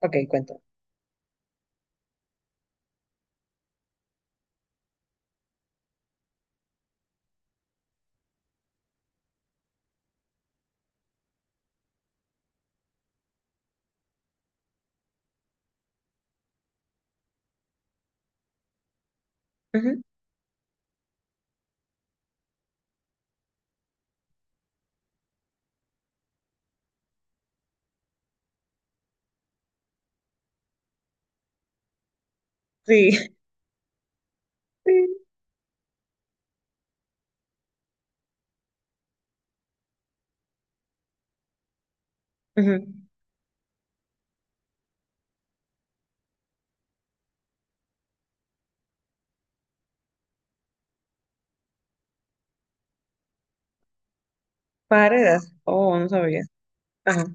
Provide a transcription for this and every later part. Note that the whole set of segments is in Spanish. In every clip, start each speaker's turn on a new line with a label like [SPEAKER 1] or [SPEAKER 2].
[SPEAKER 1] Ok, cuento. Ujú. Sí, sí, ujú. Paredes. Oh, no sabía. Ajá.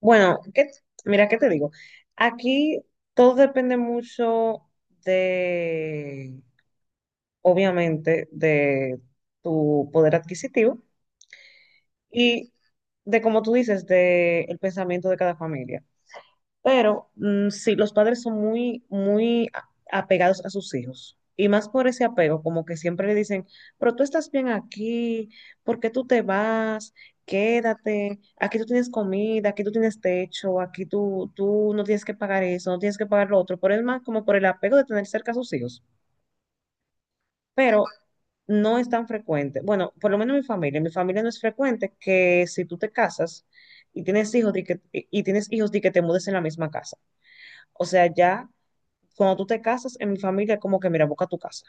[SPEAKER 1] Bueno, mira, ¿qué te digo? Aquí todo depende mucho de, obviamente, de tu poder adquisitivo y de, como tú dices, de el pensamiento de cada familia. Pero sí, los padres son muy, muy apegados a sus hijos. Y más por ese apego, como que siempre le dicen, pero tú estás bien aquí, ¿por qué tú te vas? Quédate, aquí tú tienes comida, aquí tú tienes techo, aquí tú no tienes que pagar eso, no tienes que pagar lo otro, por el más como por el apego de tener cerca a sus hijos. Pero no es tan frecuente. Bueno, por lo menos en mi familia no es frecuente que si tú te casas y tienes hijos, de que, y tienes hijos de que te mudes en la misma casa. O sea, ya cuando tú te casas en mi familia, es como que, mira, busca tu casa.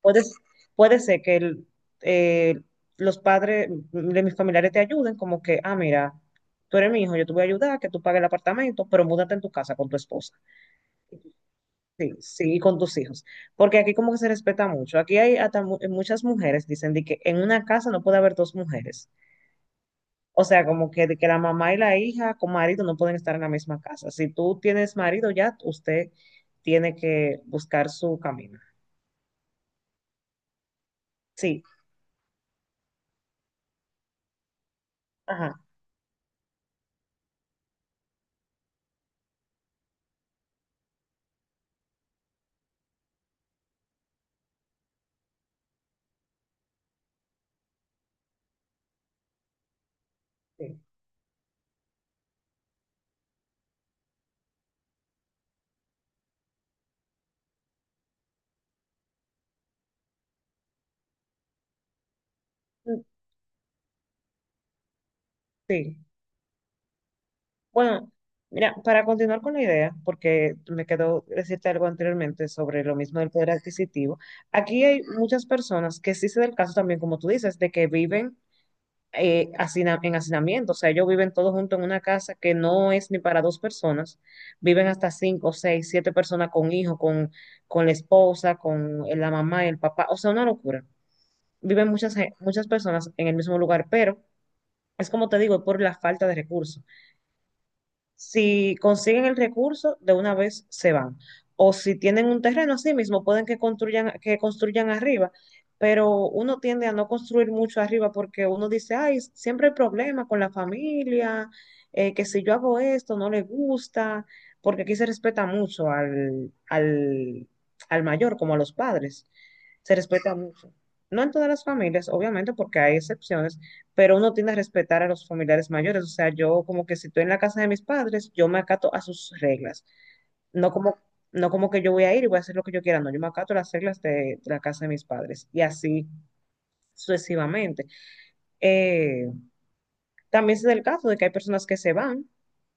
[SPEAKER 1] Puedes, puede ser que el, eh, los padres de mis familiares te ayuden, como que, ah, mira, tú eres mi hijo, yo te voy a ayudar, que tú pagues el apartamento, pero múdate en tu casa con tu esposa, sí, sí, y con tus hijos. Porque aquí como que se respeta mucho. Aquí hay hasta muchas mujeres, dicen de que en una casa no puede haber dos mujeres. O sea, como que, de que la mamá y la hija con marido no pueden estar en la misma casa. Si tú tienes marido ya, usted tiene que buscar su camino. Sí, ajá. Sí. Mm, sí. Bueno, mira, para continuar con la idea, porque me quedó decirte algo anteriormente sobre lo mismo del poder adquisitivo, aquí hay muchas personas que sí se da el caso también, como tú dices, de que viven en hacinamiento, o sea, ellos viven todos juntos en una casa que no es ni para dos personas, viven hasta cinco, seis, siete personas con hijos, con la esposa, con la mamá y el papá, o sea, una locura. Viven muchas personas en el mismo lugar, pero es como te digo, por la falta de recursos. Si consiguen el recurso, de una vez se van. O si tienen un terreno así mismo, pueden que construyan arriba. Pero uno tiende a no construir mucho arriba porque uno dice, ay, siempre hay problemas con la familia, que si yo hago esto no le gusta, porque aquí se respeta mucho al al mayor, como a los padres. Se respeta mucho. No en todas las familias, obviamente, porque hay excepciones, pero uno tiende a respetar a los familiares mayores. O sea, yo como que si estoy en la casa de mis padres, yo me acato a sus reglas. No como, no como que yo voy a ir y voy a hacer lo que yo quiera, no, yo me acato a las reglas de la casa de mis padres y así sucesivamente. Eh, también se da el caso de que hay personas que se van,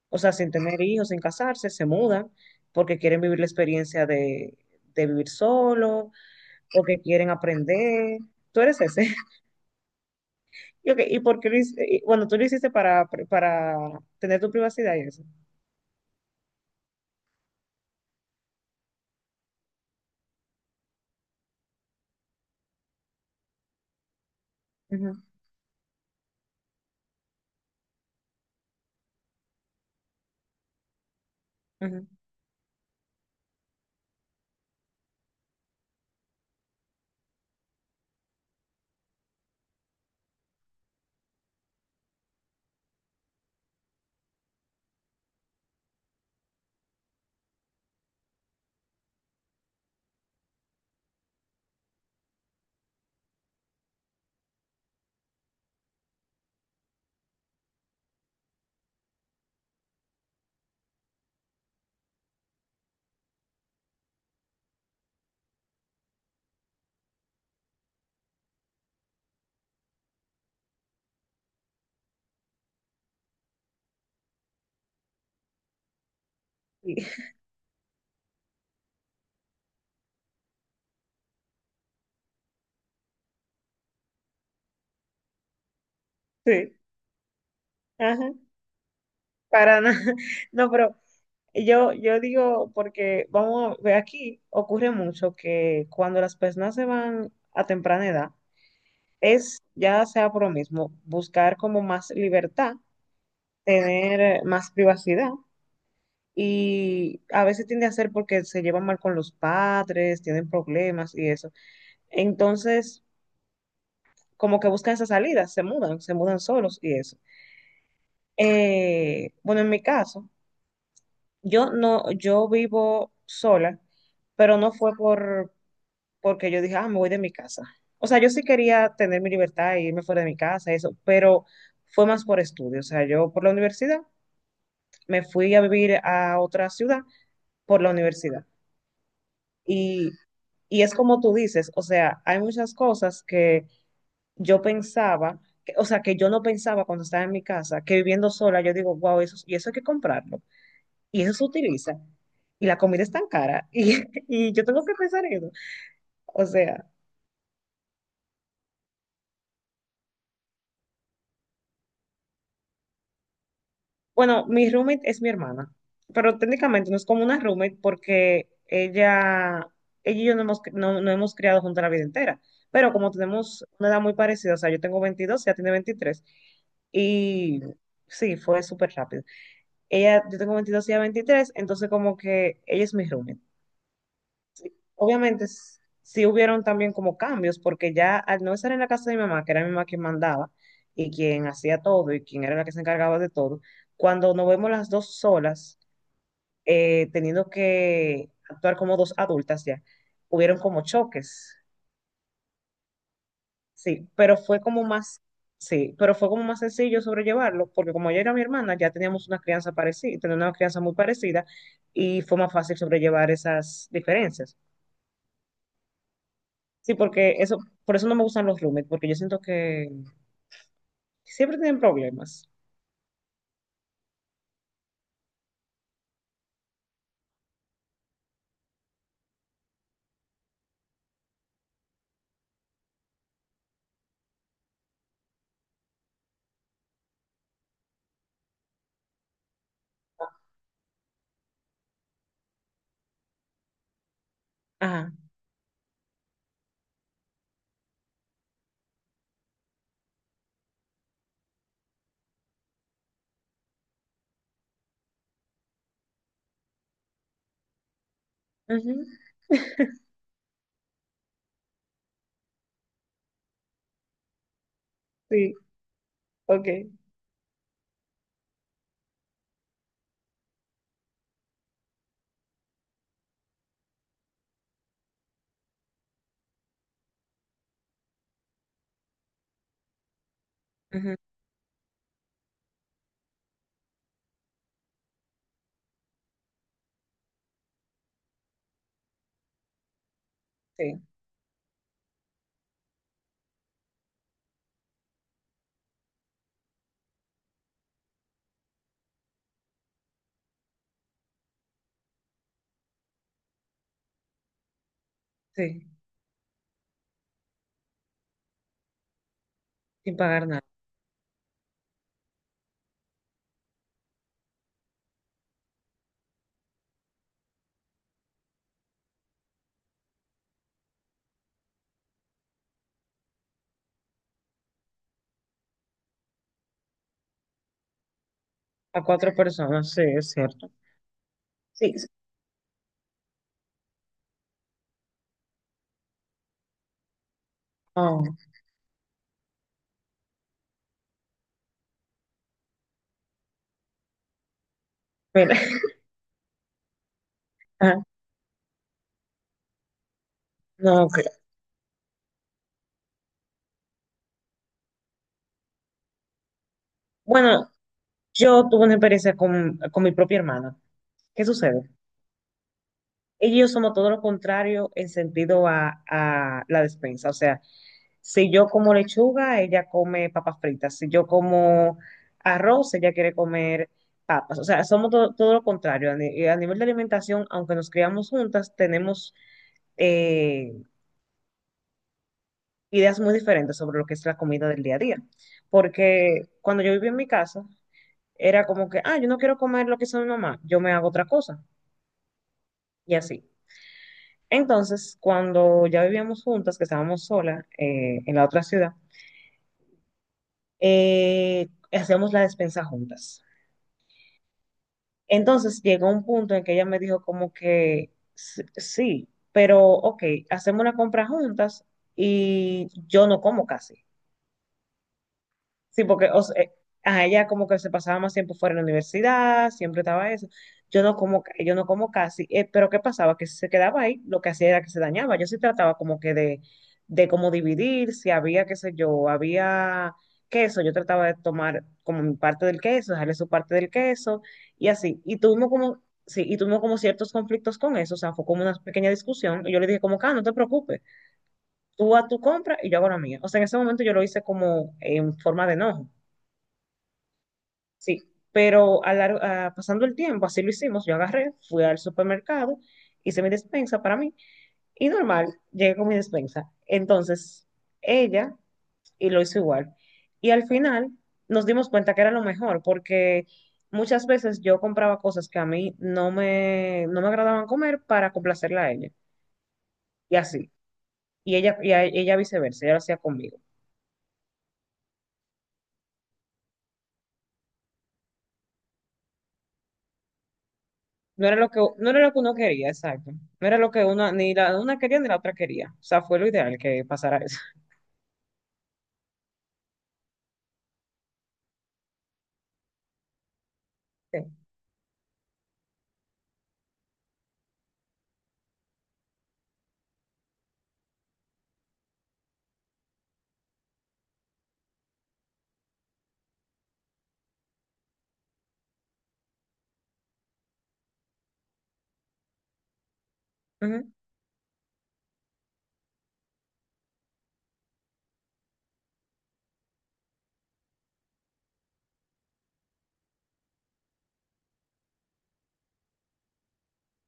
[SPEAKER 1] o sea, sin tener hijos, sin casarse, se mudan porque quieren vivir la experiencia de vivir solo, porque quieren aprender. Tú eres ese. ¿Y, okay, ¿y por qué lo hici- y, Bueno, tú lo hiciste para tener tu privacidad y eso. Ujú, ujú. Sí, sí, ajá, para nada. No, pero yo digo, porque vamos, ve aquí ocurre mucho que cuando las personas se van a temprana edad, es ya sea por lo mismo, buscar como más libertad, tener más privacidad, y a veces tiende a ser porque se llevan mal con los padres, tienen problemas y eso. Entonces, como que buscan esa salida, se mudan solos y eso. Bueno, en mi caso. Yo no, yo vivo sola, pero no fue por porque yo dije, ah, me voy de mi casa. O sea, yo sí quería tener mi libertad e irme fuera de mi casa, eso, pero fue más por estudio. O sea, yo por la universidad me fui a vivir a otra ciudad por la universidad. Y, y es como tú dices, o sea, hay muchas cosas que yo pensaba, o sea, que yo no pensaba cuando estaba en mi casa, que viviendo sola, yo digo, wow, eso, y eso hay que comprarlo, y eso se utiliza. Y la comida es tan cara y, y yo tengo que pensar en eso. O sea, bueno, mi roommate es mi hermana, pero técnicamente no es como una roommate porque ella y yo no hemos criado juntas la vida entera. Pero como tenemos una edad muy parecida, o sea, yo tengo 22, ella tiene 23. Y sí, fue súper rápido. Ella, yo tengo 22 y ella 23, entonces como que ella es mi roommate. Obviamente sí hubieron también como cambios, porque ya al no estar en la casa de mi mamá, que era mi mamá quien mandaba y quien hacía todo y quien era la que se encargaba de todo, cuando nos vemos las dos solas, teniendo que actuar como dos adultas ya, hubieron como choques, sí, pero fue como más, sí, pero fue como más sencillo sobrellevarlo, porque como ella era mi hermana, ya teníamos una crianza parecida, teníamos una crianza muy parecida y fue más fácil sobrellevar esas diferencias. Sí, porque eso, por eso no me gustan los roommates, porque yo siento que siempre tienen problemas. Ajá, ujú. Sí, ok. Ujú. Sí, sí, sin pagar nada. A cuatro personas, sí, es cierto. Sí, sí. Oh, mira, ajá. No, ok. Bueno, yo tuve una experiencia con mi propia hermana. ¿Qué sucede? Ella y yo somos todo lo contrario en sentido a la despensa. O sea, si yo como lechuga, ella come papas fritas. Si yo como arroz, ella quiere comer papas. O sea, somos todo lo contrario. A, a nivel de alimentación, aunque nos criamos juntas, tenemos eh, ideas muy diferentes sobre lo que es la comida del día a día. Porque cuando yo vivía en mi casa, era como que, ah, yo no quiero comer lo que hizo mi mamá, yo me hago otra cosa. Y así. Entonces, cuando ya vivíamos juntas, que estábamos solas en la otra ciudad, hacíamos la despensa juntas. Entonces llegó un punto en que ella me dijo como que sí, pero ok, hacemos una compra juntas y yo no como casi. Sí, porque o sea, a ella como que se pasaba más tiempo fuera de la universidad, siempre estaba eso. Yo no como casi, pero ¿qué pasaba? Que si se quedaba ahí, lo que hacía era que se dañaba. Yo sí trataba como que de como dividir, si había, qué sé yo, había queso, yo trataba de tomar como mi parte del queso, dejarle su parte del queso, y así. Y tuvimos como, sí, y tuvimos como ciertos conflictos con eso, o sea, fue como una pequeña discusión, y yo le dije como, ah, no te preocupes, tú a tu compra y yo hago la mía. O sea, en ese momento yo lo hice como en forma de enojo. Sí, pero a pasando el tiempo, así lo hicimos, yo agarré, fui al supermercado, hice mi despensa para mí y normal, llegué con mi despensa. Entonces, ella y lo hizo igual. Y al final nos dimos cuenta que era lo mejor porque muchas veces yo compraba cosas que a mí no me agradaban comer para complacerla a ella y así. Y ella, ella viceversa, ella lo hacía conmigo. No era lo que uno quería, exacto. No era lo que uno, ni la una quería ni la otra quería. O sea, fue lo ideal que pasara eso. Sí. Ujú.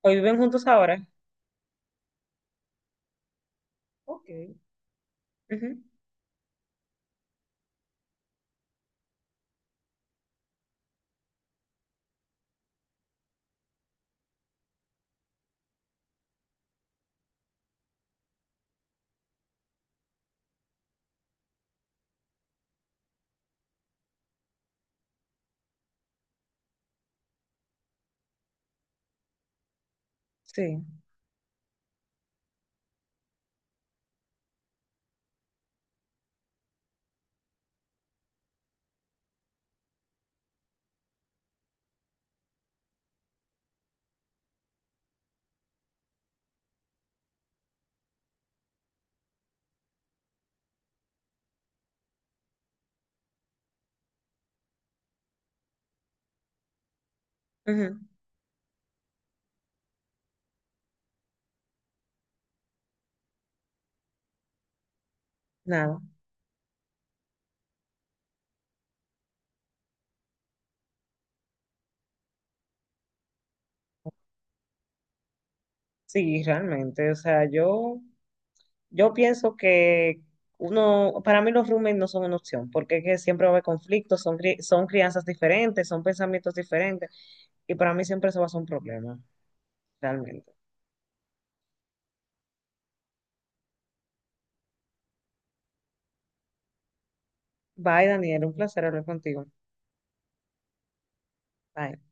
[SPEAKER 1] Hoy viven juntos ahora. Ok. Ujú. Sí. Ujú. Nada. Sí, realmente. O sea, yo pienso que uno, para mí los roommates no son una opción, porque es que siempre va a haber conflictos, son, son crianzas diferentes, son pensamientos diferentes, y para mí siempre eso va a ser un problema, realmente. Bye, Daniel, un placer hablar contigo. Bye.